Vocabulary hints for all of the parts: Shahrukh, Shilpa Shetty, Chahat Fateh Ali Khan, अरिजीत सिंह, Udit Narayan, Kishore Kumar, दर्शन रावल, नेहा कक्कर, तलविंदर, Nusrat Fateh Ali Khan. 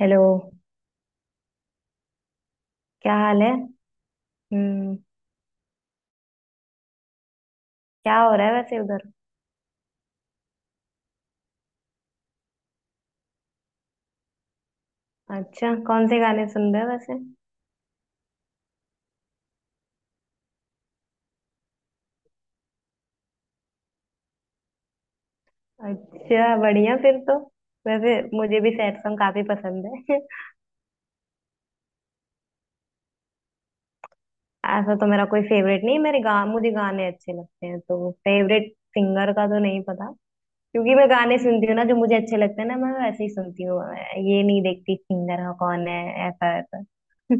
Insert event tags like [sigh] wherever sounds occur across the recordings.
Hello. क्या हाल है? हम्म। क्या हो रहा है वैसे उधर? अच्छा, कौन से गाने सुन रहे हो वैसे? अच्छा, बढ़िया फिर तो। वैसे मुझे भी सैड सॉन्ग काफी पसंद है। [laughs] ऐसा तो मेरा कोई फेवरेट नहीं है, मेरे गा मुझे गाने अच्छे लगते हैं तो फेवरेट सिंगर का तो नहीं पता। क्योंकि मैं गाने सुनती हूँ ना जो मुझे अच्छे लगते हैं ना, मैं वैसे ही सुनती हूँ। मैं ये नहीं देखती सिंगर का कौन है। ऐसा ऐसा। [laughs]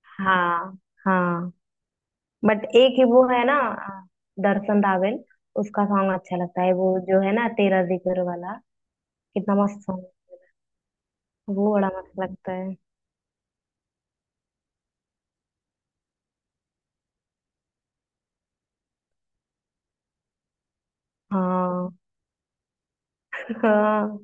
हाँ, हाँ। बट एक ही वो है ना, दर्शन रावल। उसका सॉन्ग अच्छा लगता है, वो जो है ना तेरा जिक्र वाला। कितना मस्त सॉन्ग। वो बड़ा मस्त लगता है। हाँ, हाँ,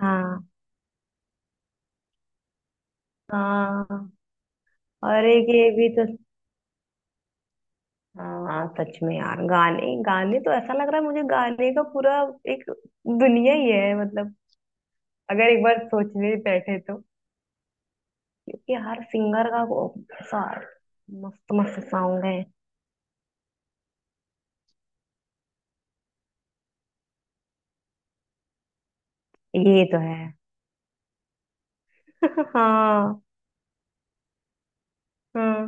हाँ, हाँ। और एक ये भी तो। हाँ सच में यार, गाने गाने तो ऐसा लग रहा है मुझे गाने का पूरा एक दुनिया ही है मतलब। अगर एक बार सोचने बैठे तो। क्योंकि हर सिंगर का वो ऐसा मस्त मस्त सॉन्ग है। ये तो है। [laughs] हाँ, हाँ।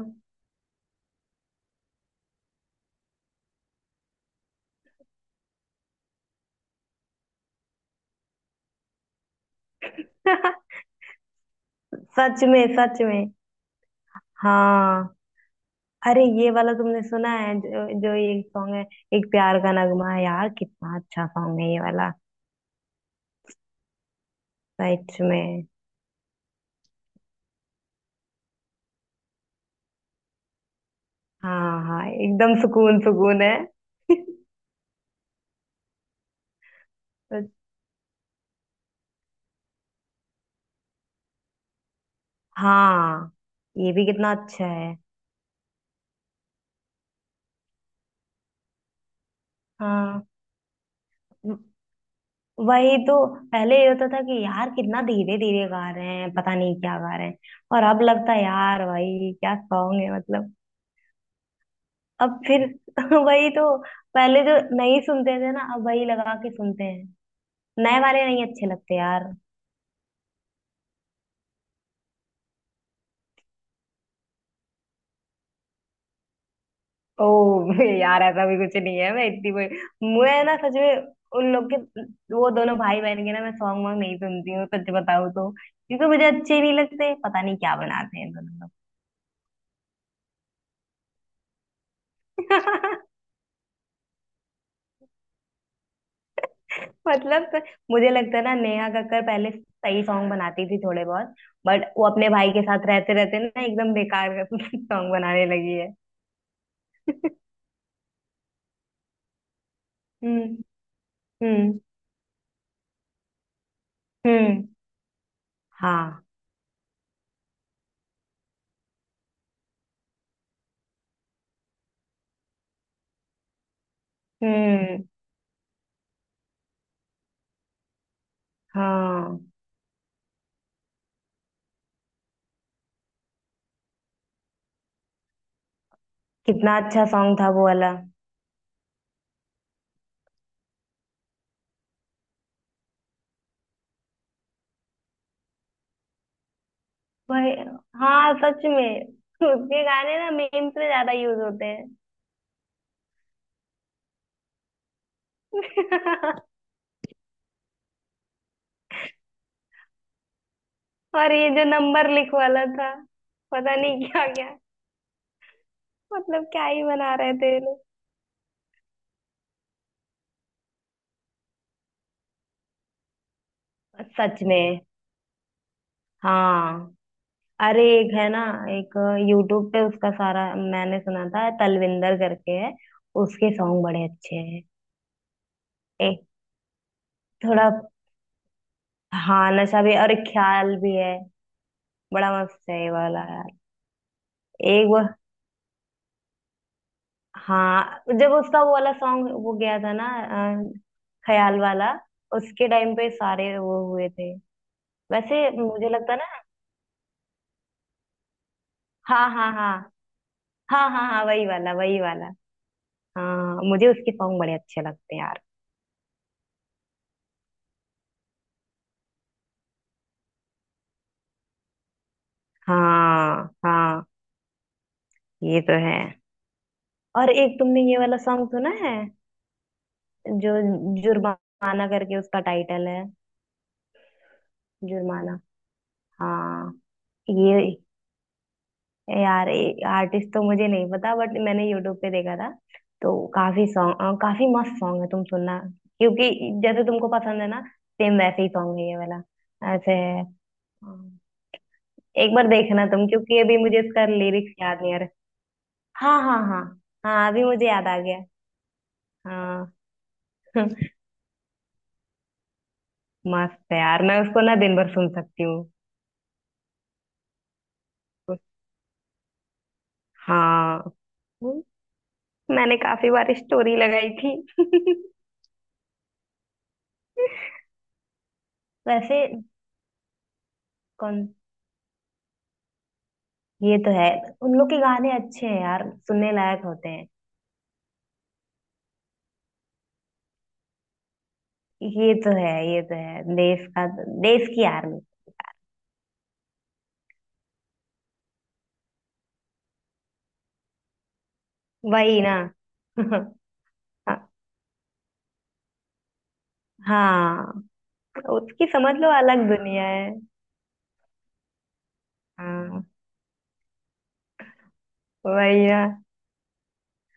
[laughs] सच में, सच में। हाँ। अरे ये वाला तुमने सुना है, जो ये सॉन्ग है, एक प्यार का नगमा है यार, कितना अच्छा सॉन्ग है ये वाला। सच में। हाँ, हाँ एकदम सुकून सुकून है। [laughs] सच- हाँ, ये भी कितना अच्छा है। हाँ, व- वही तो। पहले ये होता था कि यार कितना धीरे धीरे गा रहे हैं, पता नहीं क्या गा रहे हैं। और अब लगता है यार, भाई क्या सॉन्ग है मतलब। अब फिर [laughs] वही तो। पहले जो नहीं सुनते थे ना, अब वही लगा के सुनते हैं। नए वाले नहीं अच्छे लगते यार। ओ [laughs] यार ऐसा भी कुछ नहीं है, मैं इतनी कोई। मैं ना सच में उन लोग के, वो दोनों भाई बहन के ना मैं सॉन्ग वॉन्ग नहीं सुनती हूँ सच बताऊँ तो, क्योंकि मुझे अच्छे नहीं लगते, पता नहीं क्या बनाते हैं दोनों लोग। [laughs] मतलब तो मुझे लगता है ना नेहा कक्कर पहले सही सॉन्ग बनाती थी थोड़े बहुत, बट वो अपने भाई के साथ रहते रहते ना एकदम बेकार [laughs] सॉन्ग बनाने लगी है। हम्म, हम्म, हम्म। हाँ। हम्म। हाँ, कितना अच्छा सॉन्ग था वो वाला। वही। हाँ, सच में। उसके गाने ना मीम्स में ज्यादा यूज होते हैं। [laughs] और ये जो नंबर लिख वाला था, पता नहीं क्या क्या। मतलब क्या ही बना रहे थे ये लोग। सच में। हाँ। अरे एक है ना, एक यूट्यूब पे उसका सारा मैंने सुना था, तलविंदर करके है। उसके सॉन्ग बड़े अच्छे हैं। एक थोड़ा। हाँ नशा भी और एक ख्याल भी है। बड़ा मस्त है ये वाला यार। एक वो। हाँ जब उसका वो वाला सॉन्ग वो गया था ना, अ, ख्याल वाला। उसके टाइम पे सारे वो हुए थे। वैसे मुझे लगता ना। हाँ, हाँ, हाँ। हाँ, हाँ, हाँ वही वाला, वही वाला। हाँ मुझे उसके सॉन्ग बड़े अच्छे लगते हैं यार। हाँ, हाँ। ये तो है। और एक तुमने ये वाला सॉन्ग सुना है जो, जुर्माना करके उसका टाइटल है। जुर्माना। हाँ। ये यार, आर्टिस्ट तो मुझे नहीं पता बट मैंने यूट्यूब पे देखा था, तो काफी सॉन्ग, काफी मस्त सॉन्ग है, तुम सुनना। क्योंकि जैसे तुमको पसंद है ना, सेम वैसे ही सॉन्ग है ये वाला। ऐसे है। अम, एक बार देखना तुम, क्योंकि अभी मुझे इसका लिरिक्स याद नहीं आ रहा। हाँ, हाँ, हाँ। हाँ अभी मुझे याद आ गया। हाँ। [laughs] मस्त है यार, मैं उसको ना दिन भर सुन सकती हूँ। हाँ मैंने काफी बार स्टोरी लगाई थी। [laughs] वैसे। कौन? ये तो है। उन लोग के गाने अच्छे हैं यार, सुनने लायक होते हैं। ये तो है, ये तो है। देश का। देश की आर्मी। वही ना। [laughs] हाँ। उसकी समझ लो अलग दुनिया है। हाँ। वही ना।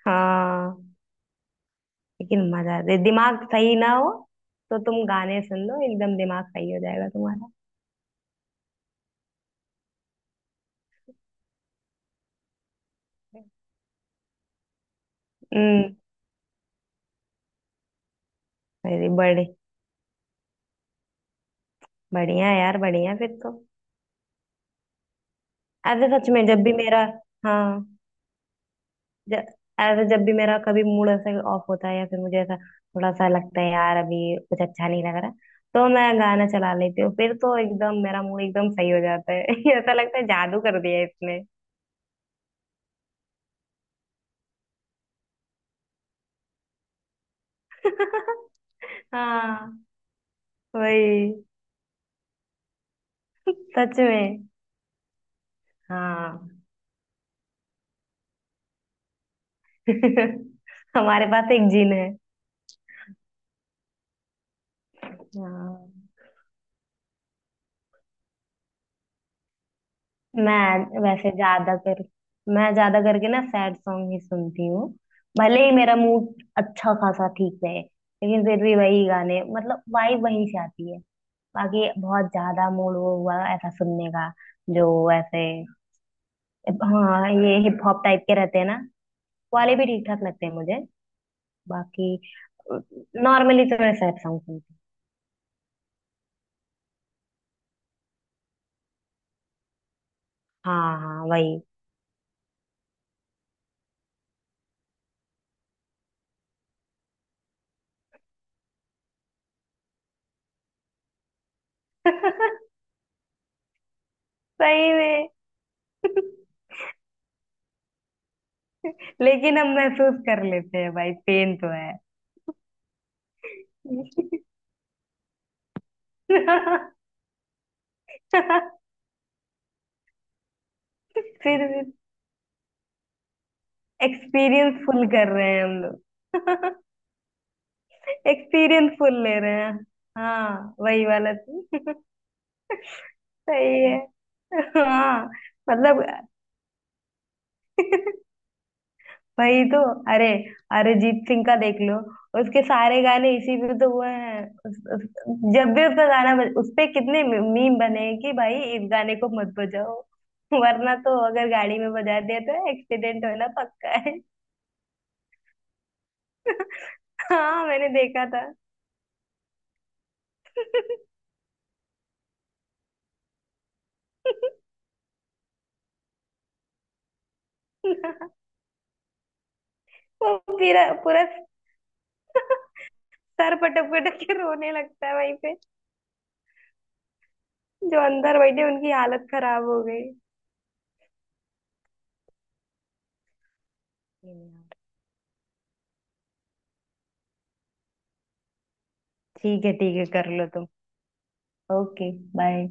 हाँ। लेकिन मजा दे दिमाग सही ना हो, तो तुम गाने सुन लो, एकदम दिमाग सही हो जाएगा तुम्हारा। हम्म। अरे बड़े बढ़िया यार, बढ़िया फिर तो। ऐसे सच में जब भी मेरा। हाँ। ज- ऐसे जब भी मेरा कभी मूड ऐसे ऑफ होता है या फिर मुझे ऐसा थोड़ा सा लगता है यार अभी कुछ अच्छा नहीं लग रहा, तो मैं गाना चला लेती हूँ, फिर तो एकदम मेरा मूड एकदम सही हो जाता है। [laughs] ऐसा लगता है जादू कर दिया है इसने। हाँ। वही। सच में। हाँ। [laughs] हमारे पास एक जिन है। हाँ। मैं वैसे ज्यादा कर मैं ज्यादा करके ना सैड सॉन्ग ही सुनती हूँ। भले ही मेरा मूड अच्छा खासा ठीक रहे लेकिन फिर भी वही गाने, मतलब वाइब वहीं से आती है। बाकी बहुत ज्यादा मूड वो हुआ ऐसा सुनने का जो ऐसे, हाँ ये हिप हॉप टाइप के रहते हैं ना वाले भी ठीक ठाक लगते हैं मुझे। बाकी नॉर्मली तो मैं सैड सॉन्ग सुनती हूँ। हाँ, हाँ वही। [laughs] सही में। [laughs] लेकिन हम महसूस कर लेते हैं भाई, पेन तो है। [laughs] फिर एक्सपीरियंस फुल कर रहे हैं हम लोग। [laughs] एक्सपीरियंस फुल ले रहे हैं। हाँ वही वाला तो। [laughs] सही है। हाँ। मतलब। [laughs] वही तो। अरे अरिजीत सिंह का देख लो, उसके सारे गाने इसी पे तो हुए हैं। जब भी उसका गाना बज उस पे कितने मीम बने हैं कि भाई इस गाने को मत बजाओ। [laughs] वरना तो अगर गाड़ी में बजा दिया तो एक्सीडेंट होना पक्का है। [laughs] हाँ मैंने देखा था। वो पूरा पूरा सर पटक पटक के रोने लगता है वहीं पे। जो अंदर बैठे उनकी हालत खराब हो गई। ठीक है, ठीक है कर लो तुम। Okay, bye.